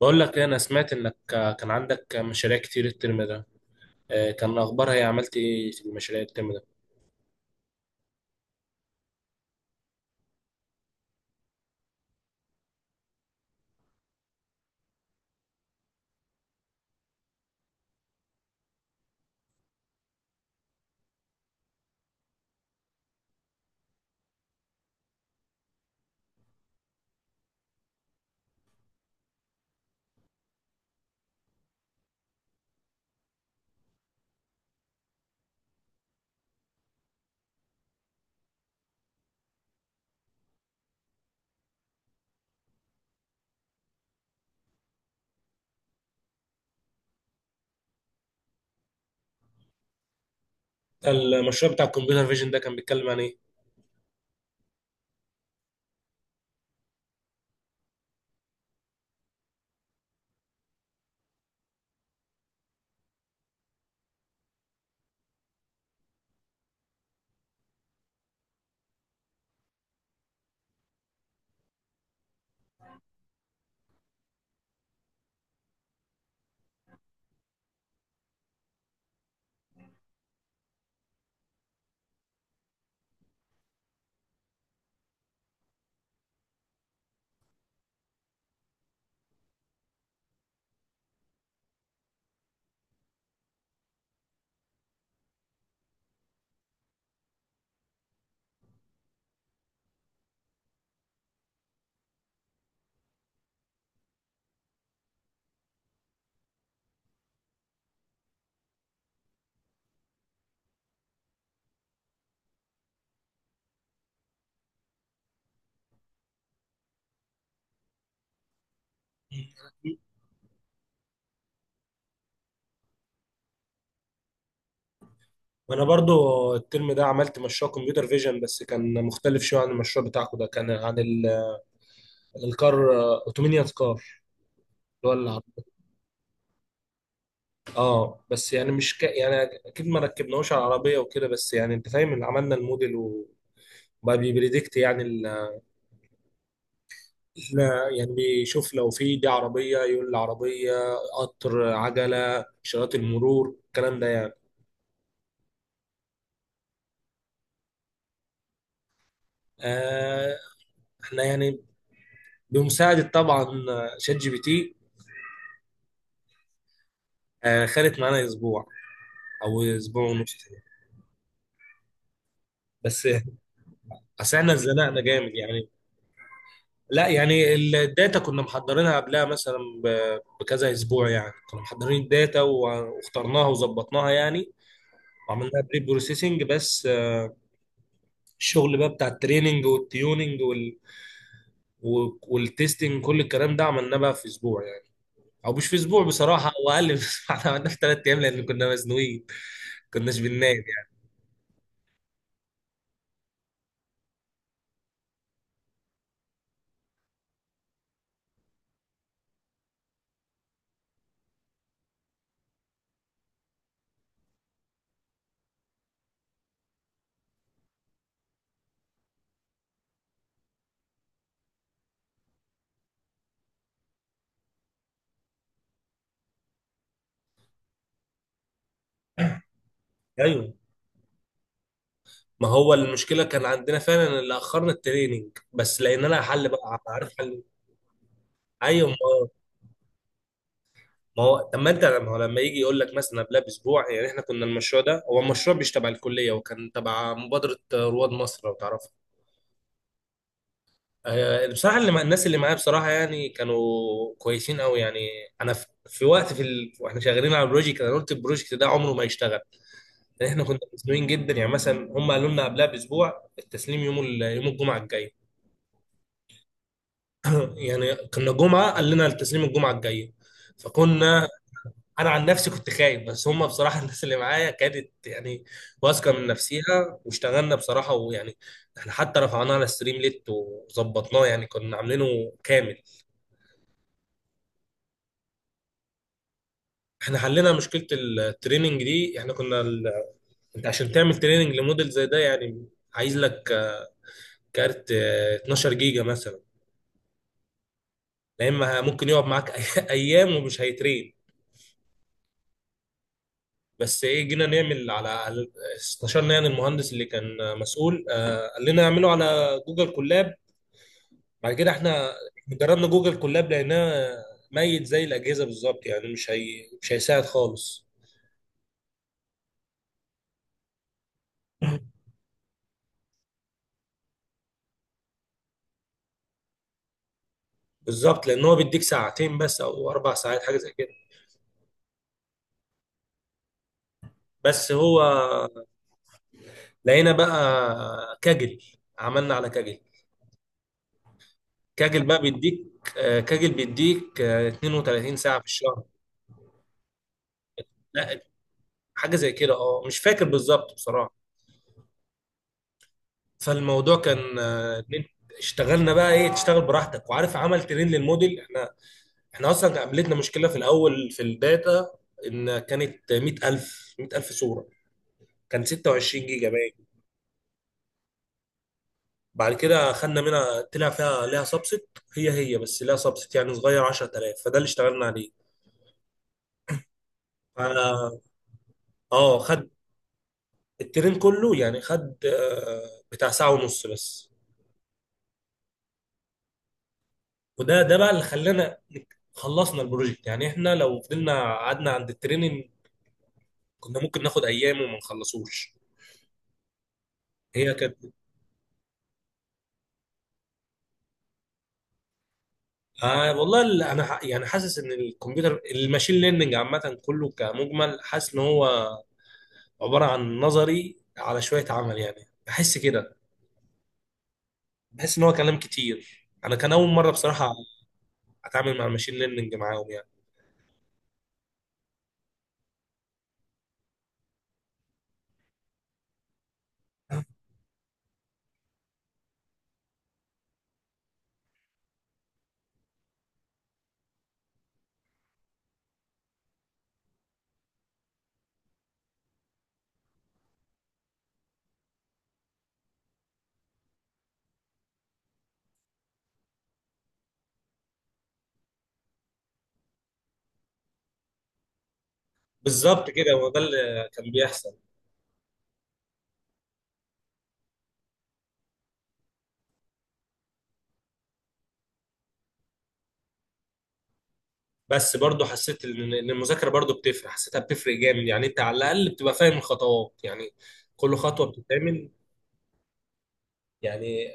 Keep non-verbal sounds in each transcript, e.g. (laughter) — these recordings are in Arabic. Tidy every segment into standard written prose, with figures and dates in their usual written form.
بقول لك إيه، انا سمعت انك كان عندك مشاريع كتير الترم ده. كان اخبارها ايه؟ عملت ايه في المشاريع الترم ده؟ المشروع بتاع الكمبيوتر فيجن ده كان بيتكلم عن ايه؟ انا برضو الترم ده عملت مشروع كمبيوتر فيجن بس كان مختلف شويه عن المشروع بتاعكم. ده كان عن الكار اوتومينيوس كار اللي هو العربية. اه، بس يعني مش يعني اكيد ما ركبناهوش على العربيه وكده، بس يعني انت فاهم، اللي عملنا الموديل وبقى بيبريدكت يعني. لا يعني بيشوف، لو في دي عربية يقول العربية، قطر، عجلة، إشارات المرور، الكلام ده يعني. آه احنا يعني بمساعدة طبعا شات جي بي تي. خدت معانا أسبوع أو أسبوع ونص. بس، أصل احنا اتزنقنا جامد يعني. لا يعني الداتا كنا محضرينها قبلها مثلا بكذا أسبوع، يعني كنا محضرين الداتا واخترناها وظبطناها يعني. وعملناها بري بروسيسنج بس. الشغل بقى بتاع التريننج والتيوننج والتستنج، كل الكلام ده عملناه بقى في اسبوع يعني. او مش في اسبوع، بصراحه هو اقل من اسبوع. (laughs) احنا عملناه في ثلاث ايام لان كنا مزنوقين، كناش بننام يعني. ايوه، ما هو المشكله كان عندنا فعلا اللي اخرنا التريننج، بس لقينا لها حل بقى، عارف، حل. ايوه، ما هو. ما هو طب ما انت ما هو لما يجي يقول لك مثلا قبلها باسبوع، يعني احنا كنا المشروع ده، هو المشروع مش تبع الكليه وكان تبع مبادره رواد مصر لو تعرف. بصراحة اللي مع الناس اللي معايا بصراحة يعني كانوا كويسين قوي يعني. أنا في وقت واحنا شغالين على البروجكت، أنا قلت البروجكت ده عمره ما يشتغل، لأن إحنا كنا مزنوقين جدا يعني. مثلا هم قالوا لنا قبلها بأسبوع التسليم يوم يوم الجمعة الجاية. يعني كنا جمعة قال لنا التسليم الجمعة الجاية، فكنا. أنا عن نفسي كنت خايف، بس هم بصراحة (laughs) الناس اللي معايا كانت يعني واثقة من نفسيها، واشتغلنا بصراحة ويعني إحنا حتى رفعناه على ستريم ليت وظبطناه، يعني كنا عاملينه كامل. احنا حلينا مشكله التريننج دي، احنا كنا انت عشان تعمل تريننج لموديل زي ده يعني عايز لك كارت 12 جيجا مثلا. لا، اما ممكن يقعد معاك (laughs) ايام ومش هيترين. بس ايه، جينا نعمل استشرنا يعني المهندس اللي كان مسؤول، قال لنا اعمله على جوجل كولاب. بعد كده احنا جربنا جوجل كولاب، لقيناه ميت زي الاجهزه بالظبط، يعني مش هيساعد خالص. بالظبط، لان هو بيديك ساعتين بس او اربع ساعات حاجه زي كده. بس هو لقينا بقى كاجل، عملنا على كاجل. كاجل بقى بيديك آه، كاجل بيديك 32 ساعة في الشهر. لا، حاجة زي كده اه مش فاكر بالظبط بصراحة. فالموضوع كان، اشتغلنا بقى ايه، تشتغل براحتك وعارف عمل ترين للموديل، احنا. احنا اصلا قابلتنا مشكلة في الاول في الداتا، ان كانت 100000 صورة، كان 26 جيجا باين. بعد كده خدنا منها، طلع فيها ليها سبست، هي هي بس ليها سبست يعني صغير، 10000، فده اللي اشتغلنا عليه. اه، خد الترين كله يعني خد بتاع ساعة ونص بس. وده بقى اللي خلانا خلصنا البروجكت، يعني احنا لو فضلنا قعدنا عند التريننج كنا ممكن ناخد ايام وما نخلصوش. هي كانت. والله يعني حاسس ان الكمبيوتر، الماشين ليرنينج عامة كله كمجمل، حاسس ان هو عبارة عن نظري على شوية عمل، يعني بحس كده، بحس ان هو كلام كتير. انا كان اول مرة بصراحة اتعامل مع الماشين ليرنينج معاهم يعني. بالظبط كده، هو ده اللي كان بيحصل. بس برضو حسيت ان المذاكره برضو بتفرق، حسيتها بتفرق جامد يعني. انت على الاقل بتبقى فاهم الخطوات، يعني كل خطوه بتتعمل يعني.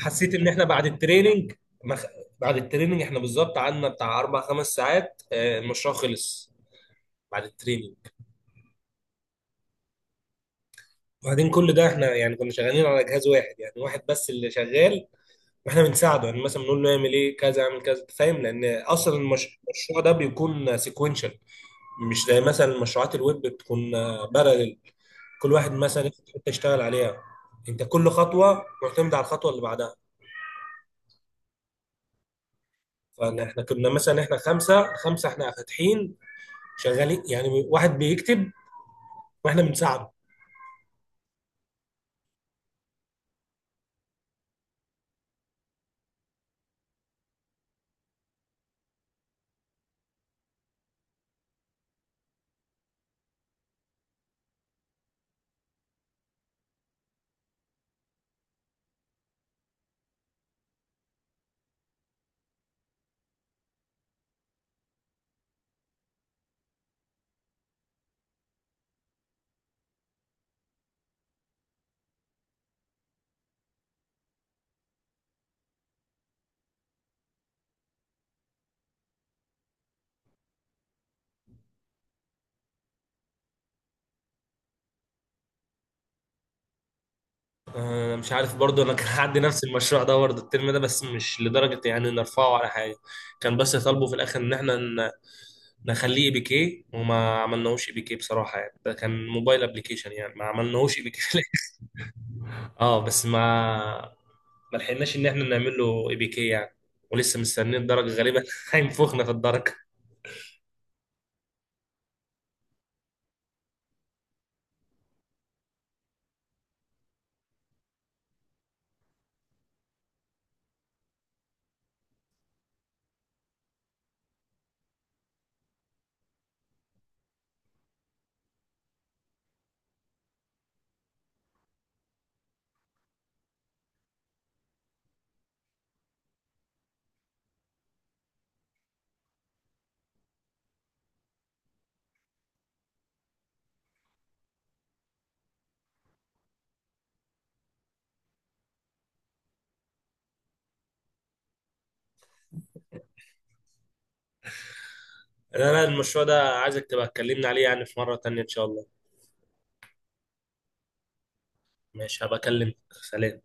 حسيت ان احنا بعد التريننج مخ... بعد التريننج احنا بالظبط قعدنا بتاع اربع خمس ساعات، المشروع خلص بعد التريننج. وبعدين كل ده احنا يعني كنا شغالين على جهاز واحد، يعني واحد بس اللي شغال واحنا بنساعده، يعني مثلا بنقول له اعمل ايه، كذا اعمل كذا، فاهم لان اصلا المشروع ده بيكون سيكونشال. مش زي مثلا مشروعات الويب، بتكون بارلل، كل واحد مثلا ياخد حته يشتغل عليها. انت كل خطوه معتمده على الخطوه اللي بعدها. فاحنا كنا مثلا احنا خمسه خمسه، احنا فاتحين شغالين يعني، واحد بيكتب واحنا بنساعده. انا مش عارف برضه، انا كان عندي نفس المشروع ده برضه الترم ده، بس مش لدرجه يعني نرفعه على حاجه. كان بس طالبه في الاخر ان احنا نخليه اي بي كي، وما عملناهوش اي بي كي بصراحه. يعني ده كان موبايل ابلكيشن، يعني ما عملناهوش اي بي كي. (laughs) اه، بس ما لحقناش ان احنا نعمل له اي بي كي يعني. ولسه مستنيين الدرجه، غالبا (laughs) هينفخنا في الدرجه. لا لا، المشروع ده عايزك تبقى تكلمنا عليه يعني في مره تانية ان شاء الله. ماشي، هبقى اكلمك. سلام.